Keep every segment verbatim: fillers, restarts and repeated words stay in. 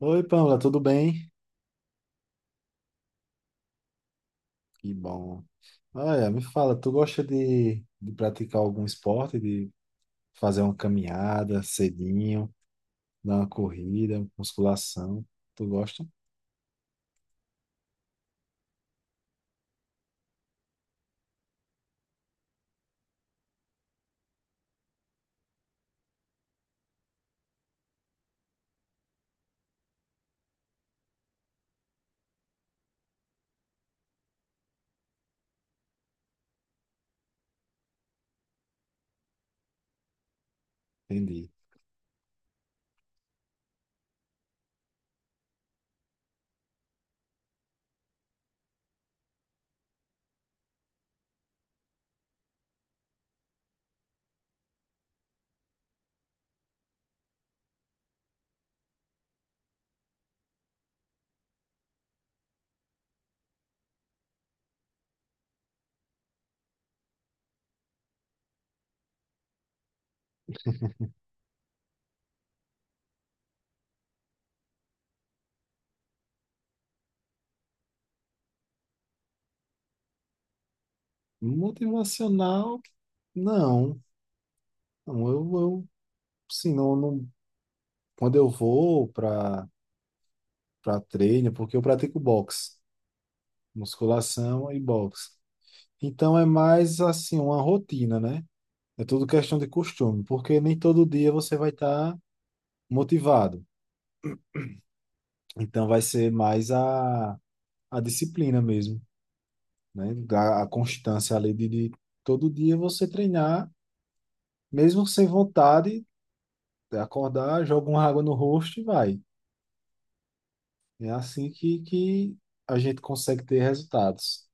Oi, Pamela, tudo bem? Que bom. Olha, me fala, tu gosta de, de praticar algum esporte, de fazer uma caminhada cedinho, dar uma corrida, musculação? Tu gosta? Entendi. Motivacional, não. Não, eu, eu sim, não, não- quando eu vou para para treino, porque eu pratico boxe, musculação e boxe. Então é mais assim, uma rotina, né? É tudo questão de costume, porque nem todo dia você vai estar motivado. Então vai ser mais a, a disciplina mesmo, né? A, a constância ali de, de todo dia você treinar, mesmo sem vontade, acordar, joga uma água no rosto e vai. É assim que, que a gente consegue ter resultados.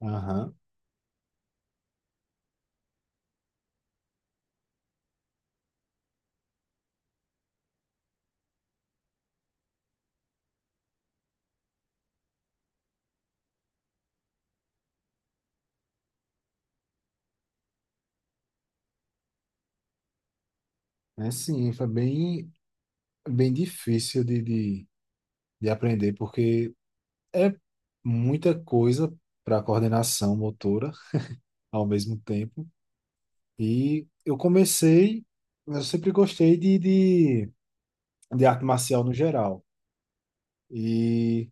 Aham. É sim, foi bem, bem difícil de, de, de aprender, porque é muita coisa para coordenação motora ao mesmo tempo. E eu comecei, eu sempre gostei de, de de arte marcial no geral. E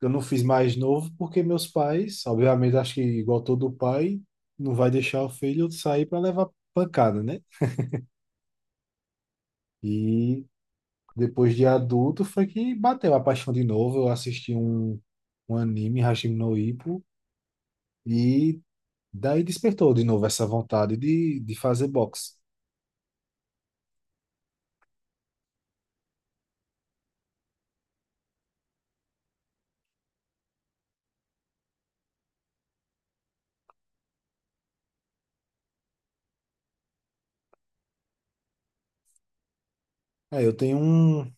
eu não fiz mais novo porque meus pais, obviamente, acho que igual todo pai, não vai deixar o filho sair para levar pancada, né? E depois de adulto foi que bateu a paixão de novo. Eu assisti um, um anime, Hashim no Ippo, e daí despertou de novo essa vontade de, de fazer boxe. É, eu tenho um,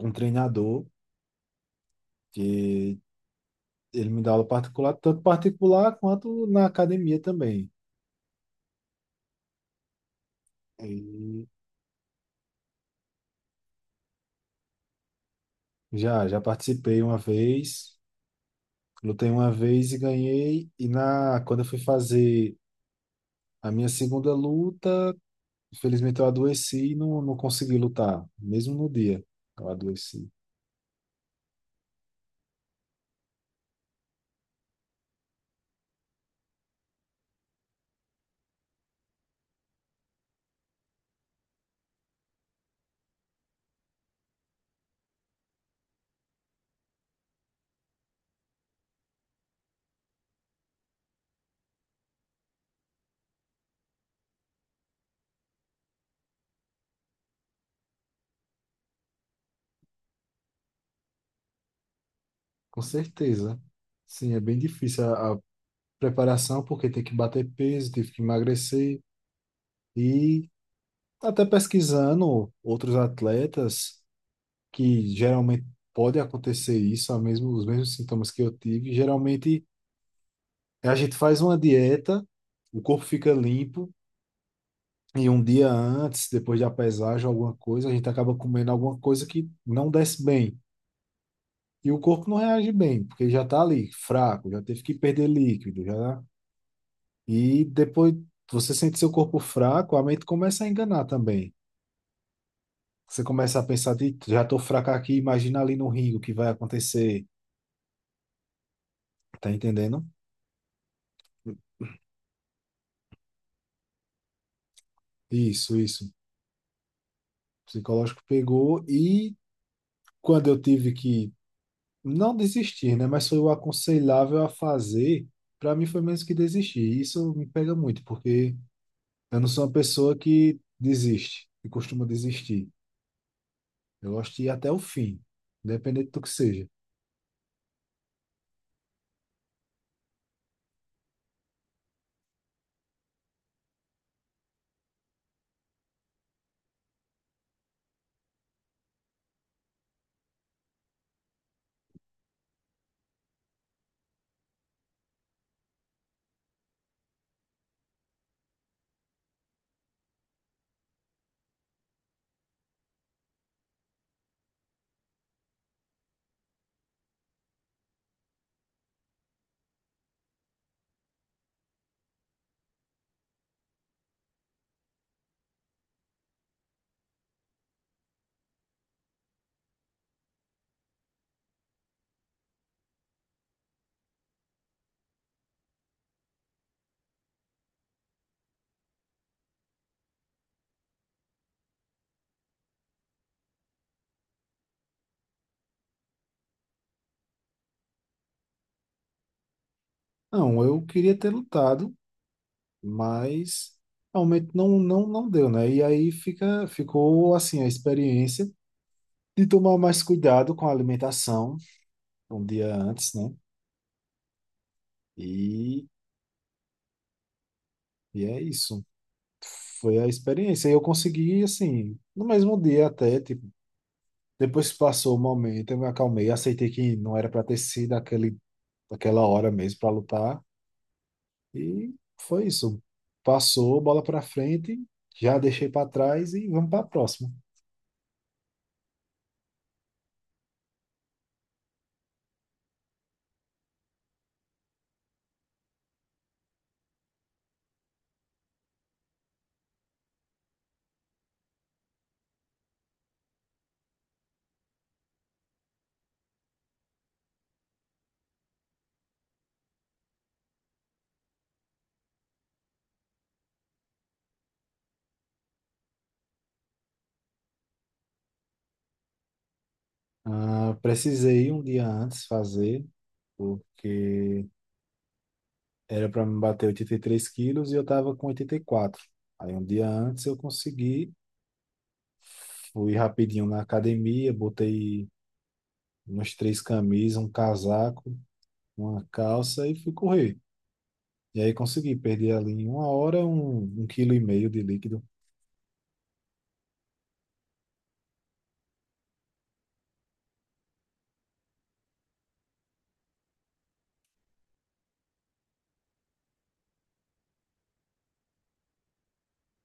um treinador que ele me dá aula particular, tanto particular quanto na academia também. Já, já participei uma vez, lutei uma vez e ganhei. E na, quando eu fui fazer a minha segunda luta, infelizmente eu adoeci e não, não consegui lutar, mesmo no dia eu adoeci. Com certeza. Sim, é bem difícil a, a preparação, porque tem que bater peso, tive que emagrecer. E até pesquisando outros atletas, que geralmente pode acontecer isso, a mesmo, os mesmos sintomas que eu tive, geralmente. A gente faz uma dieta, o corpo fica limpo, e um dia antes, depois da pesagem, alguma coisa, a gente acaba comendo alguma coisa que não desce bem. E o corpo não reage bem, porque ele já está ali, fraco, já teve que perder líquido, já. Tá. E depois você sente seu corpo fraco, a mente começa a enganar também. Você começa a pensar de, já estou fraco aqui, imagina ali no ringue o que vai acontecer. Tá entendendo? Isso, isso. O psicológico pegou e quando eu tive que não desistir, né? Mas foi o aconselhável a fazer. Para mim foi menos que desistir. E isso me pega muito, porque eu não sou uma pessoa que desiste, que costuma desistir. Eu gosto de ir até o fim, independente do que seja. Não, eu queria ter lutado, mas realmente não, não, não deu, né? E aí fica, ficou assim a experiência de tomar mais cuidado com a alimentação um dia antes, né? E, e é isso. Foi a experiência. E eu consegui, assim, no mesmo dia até, tipo, depois que passou o momento, eu me acalmei, aceitei que não era para ter sido aquele, aquela hora mesmo para lutar. E foi isso. Passou, bola para frente, já deixei para trás e vamos para a próxima. Ah, precisei um dia antes fazer, porque era para me bater oitenta e três quilos e eu tava com oitenta e quatro. Aí um dia antes eu consegui, fui rapidinho na academia, botei umas três camisas, um casaco, uma calça e fui correr. E aí consegui perder ali em uma hora um, um quilo e meio de líquido.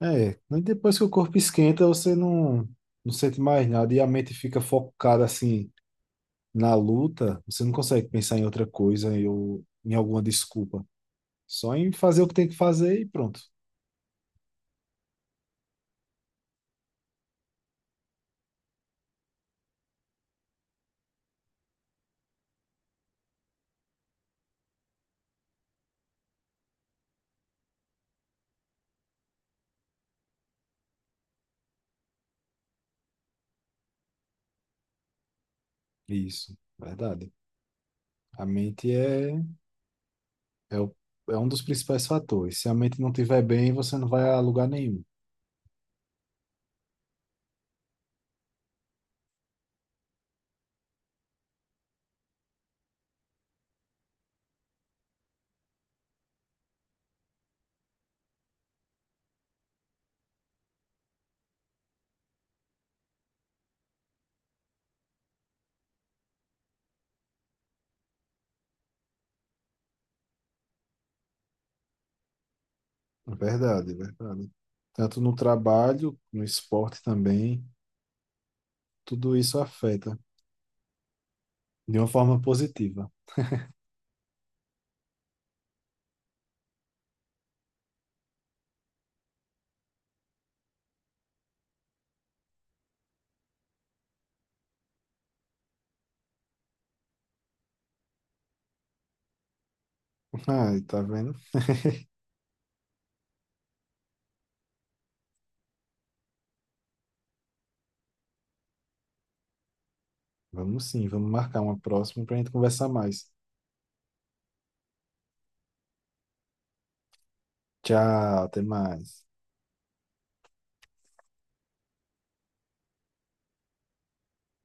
É, mas depois que o corpo esquenta, você não, não sente mais nada e a mente fica focada assim na luta, você não consegue pensar em outra coisa em- ou em alguma desculpa. Só em fazer o que tem que fazer e pronto. Isso, verdade. A mente é É, o- é um dos principais fatores. Se a mente não estiver bem, você não vai a lugar nenhum. É verdade, é verdade. Tanto no trabalho, no esporte também, tudo isso afeta de uma forma positiva. Ah, tá vendo? Vamos sim, vamos marcar uma próxima para a gente conversar mais. Tchau, até mais.